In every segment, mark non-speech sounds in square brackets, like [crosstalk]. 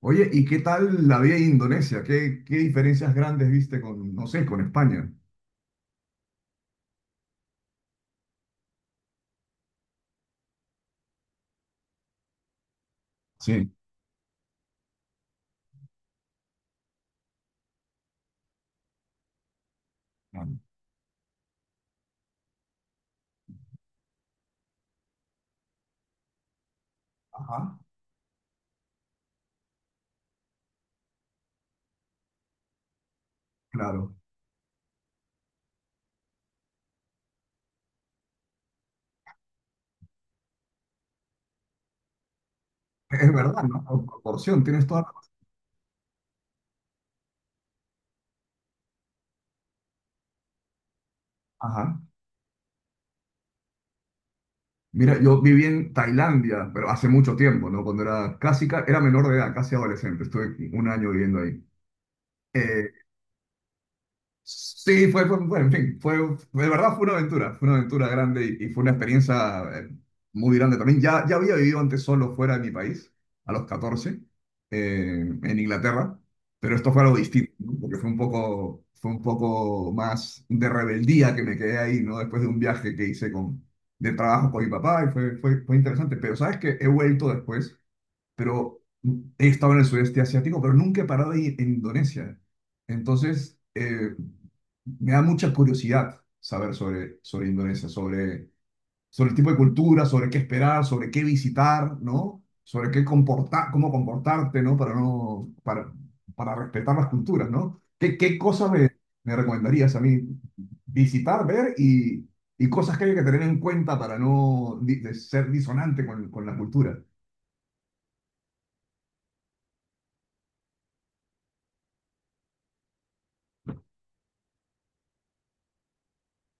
Oye, ¿y qué tal la vida en Indonesia? ¿Qué diferencias grandes viste con, no sé, con España? Sí, claro. Ajá, claro. Es verdad, ¿no? Por proporción, tienes toda la. Ajá. Mira, yo viví en Tailandia, pero hace mucho tiempo, ¿no? Cuando era era menor de edad, casi adolescente. Estuve un año viviendo ahí. Eh, Sí, fue, bueno, en fin, de verdad fue una aventura grande y fue una experiencia muy grande también. Ya había vivido antes solo fuera de mi país, a los 14 en Inglaterra, pero esto fue algo distinto, ¿no? Porque fue un poco más de rebeldía que me quedé ahí, ¿no? Después de un viaje que hice de trabajo con mi papá y fue interesante, pero sabes que he vuelto después, pero he estado en el sudeste asiático, pero nunca he parado ahí en Indonesia. Entonces, me da mucha curiosidad saber sobre Indonesia, sobre el tipo de cultura, sobre qué esperar, sobre qué visitar, ¿no? Sobre qué comportar, cómo comportarte, ¿no? Para no, para respetar las culturas, ¿no? ¿Qué cosas me recomendarías a mí visitar, ver y cosas que hay que tener en cuenta para no de ser disonante con la cultura?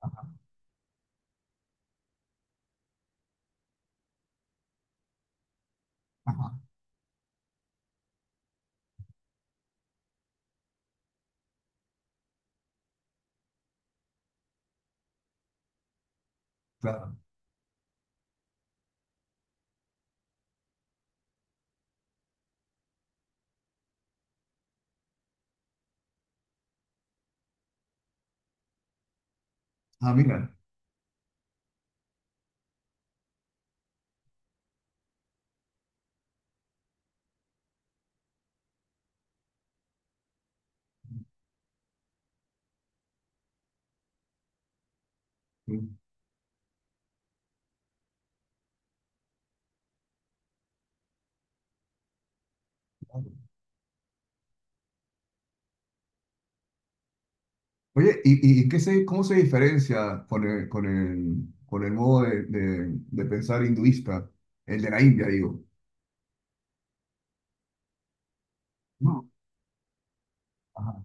Ajá, ajá, claro. Ah, mira. Oye, ¿y qué se, cómo se diferencia con el modo de pensar hinduista? El de la India, digo. No, ajá,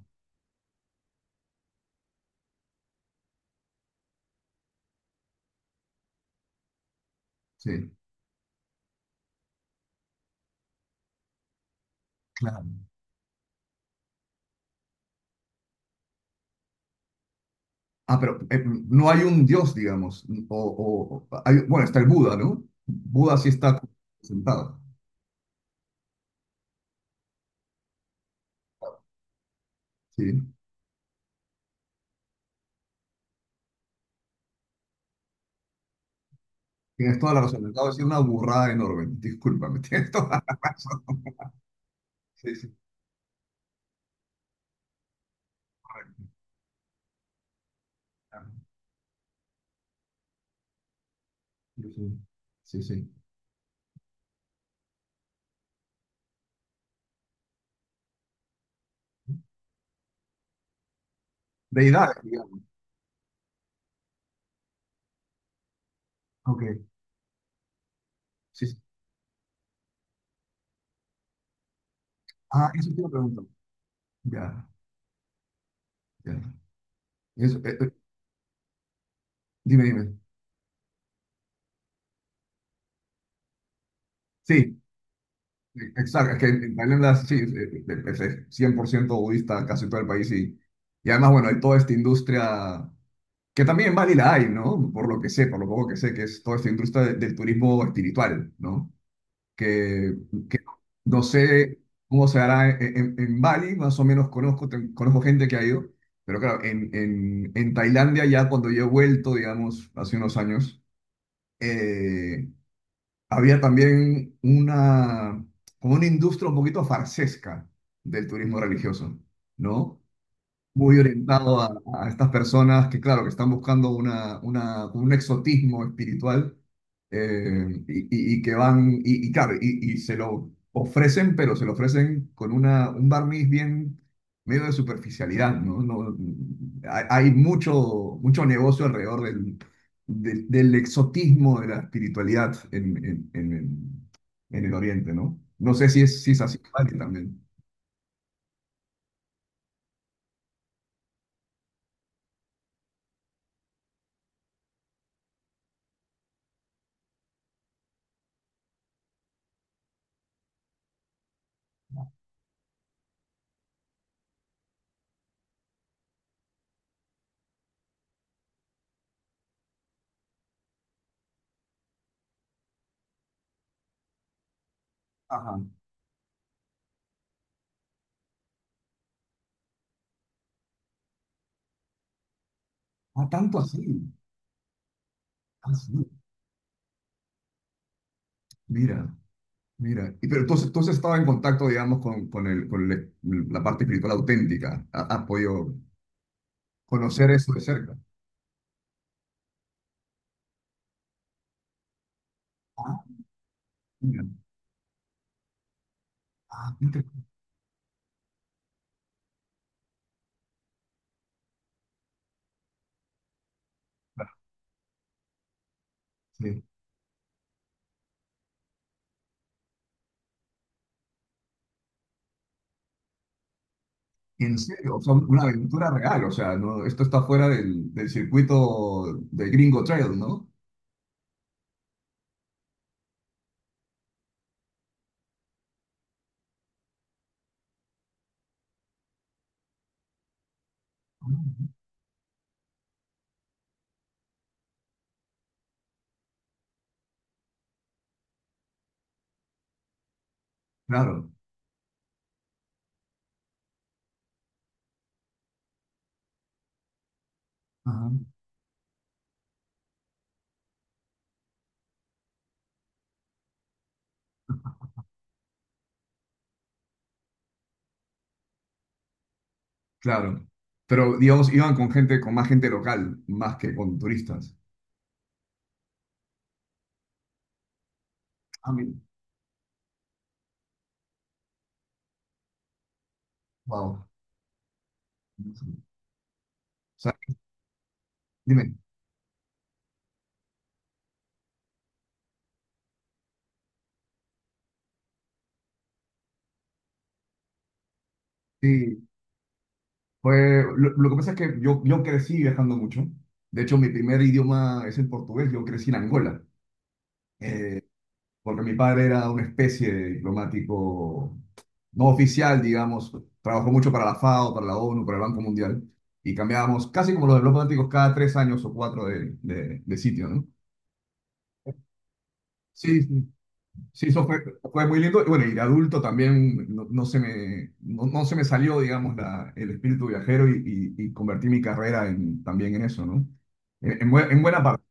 sí, claro. Ah, pero no hay un dios, digamos. Bueno, está el Buda, ¿no? Buda sí está sentado. Sí. Tienes toda la razón. Acabo de decir una burrada enorme. Discúlpame, [laughs] tienes toda la razón. Sí, sí, correcto. Ah, sí, sí. Sí, sí. Deidades, digamos. Ok. Sí, sí. Ah, eso te iba a. Ya. Ya. Eso, dime, dime. Sí, exacto. Es que en Tailandia sí, es 100% budista casi todo el país. Y además, bueno, hay toda esta industria, que también en Bali la hay, ¿no? Por lo que sé, por lo poco que sé, que es toda esta industria del turismo espiritual, ¿no? Que, que no sé cómo se hará en Bali, más o menos conozco, conozco gente que ha ido, pero claro, en Tailandia ya cuando yo he vuelto, digamos, hace unos años. eh, Había también una, como una industria un poquito farsesca del turismo religioso, ¿no? Muy orientado a estas personas que, claro, que están buscando una, un exotismo espiritual y, y que van, y claro, y se lo ofrecen, pero se lo ofrecen con un barniz bien medio de superficialidad, ¿no? No, hay mucho, mucho negocio alrededor del exotismo de la espiritualidad en el Oriente, ¿no? No sé si es así en Bali también. Ajá. Ah, tanto así. Así. Mira. Mira, y pero entonces estaba en contacto, digamos, la parte espiritual auténtica. Has podido conocer eso de cerca. Ah, mira. Ah, qué interesante. Sí. En serio, o sea, una aventura real. O sea, no, esto está fuera del circuito de Gringo Trail, ¿no? Ah, claro, ajá, claro. Pero, digamos, iban con gente, con más gente local, más que con turistas. Ah, mira. Wow. O sea, dime. Sí, pues lo que pasa es que yo crecí viajando mucho. De hecho, mi primer idioma es el portugués. Yo crecí en Angola, eh, porque mi padre era una especie de diplomático no oficial, digamos. Trabajó mucho para la FAO, para la ONU, para el Banco Mundial. Y cambiábamos casi como los diplomáticos cada 3 años o cuatro de sitio, ¿no? Sí, sí. Sí, eso fue muy lindo. Y bueno, y de adulto también no, no se me, no se me salió, digamos, el espíritu viajero y, y convertí mi carrera también en eso, ¿no? En buena parte.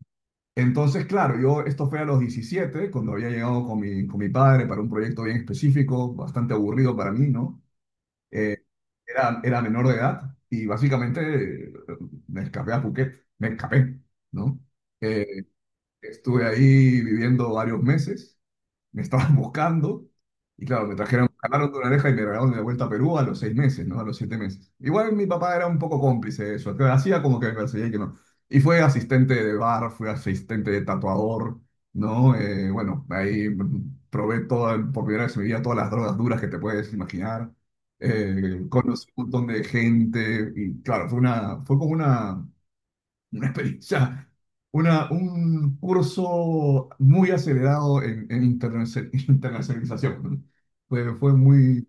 Entonces, claro, yo esto fue a los 17 cuando había llegado con mi padre para un proyecto bien específico, bastante aburrido para mí, ¿no? Eh, era menor de edad y básicamente me escapé a Phuket, me escapé, ¿no? Eh, estuve ahí viviendo varios meses me estaban [laughs] buscando y claro, me trajeron, me jalaron de una oreja y me regalaron de vuelta a Perú a los 6 meses, ¿no? A los 7 meses. Igual mi papá era un poco cómplice de eso, que hacía como que me perseguía y que no. Y fue asistente de bar, fue asistente de tatuador, ¿no? Bueno, ahí probé toda, por primera vez en mi vida todas las drogas duras que te puedes imaginar. Conocí un montón de gente y claro, fue una, fue como una experiencia, un curso muy acelerado [laughs] internacionalización, ¿no? Fue muy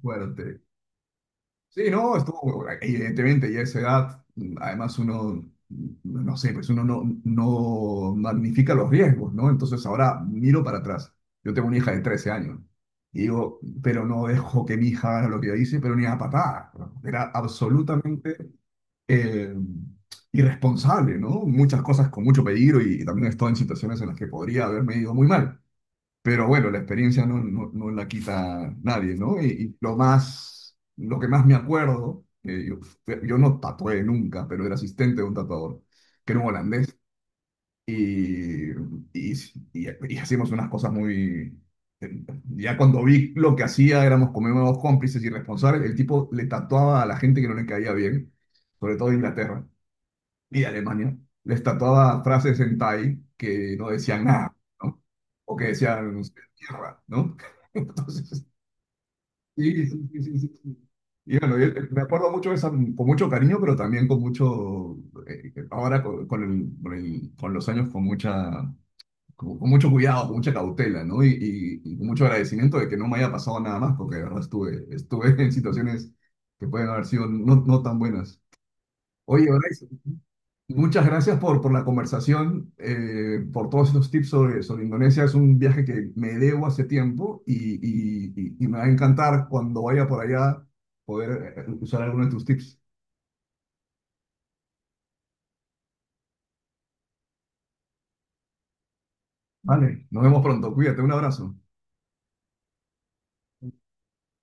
fuerte. Sí, no, estuvo, evidentemente, ya a esa edad, además uno, no sé, pues uno no, magnifica los riesgos, ¿no? Entonces ahora miro para atrás. Yo tengo una hija de 13 años. Y digo, pero no dejo que mi hija haga lo que yo hice, pero ni a patada, ¿no? Era absolutamente eh, irresponsable, ¿no? Muchas cosas con mucho peligro y también he estado en situaciones en las que podría haberme ido muy mal. Pero bueno, la experiencia no la quita nadie, ¿no? Y lo que más me acuerdo, yo no tatué nunca, pero era asistente de un tatuador, que era un holandés, y, y, y hacíamos unas cosas muy. eh, Ya cuando vi lo que hacía, éramos como unos cómplices irresponsables, el tipo le tatuaba a la gente que no le caía bien, sobre todo de Inglaterra y Alemania les tatuaba frases en Thai que no decían nada, ¿no? O que decían no sé, tierra, ¿no? [laughs] Entonces, sí, sí, sí, sí, sí, sí. Y bueno, yo, me acuerdo mucho de esa, con mucho cariño, pero también con mucho, ahora con los años, con mucho cuidado, con mucha cautela, ¿no? Y con mucho agradecimiento de que no me haya pasado nada más, porque de verdad estuve [laughs] en situaciones que pueden haber sido no, tan buenas. Oye, ahora, muchas gracias por la conversación, por todos estos tips sobre Indonesia. Es un viaje que me debo hace tiempo y me va a encantar cuando vaya por allá poder usar alguno de tus tips. Vale, nos vemos pronto. Cuídate, un abrazo.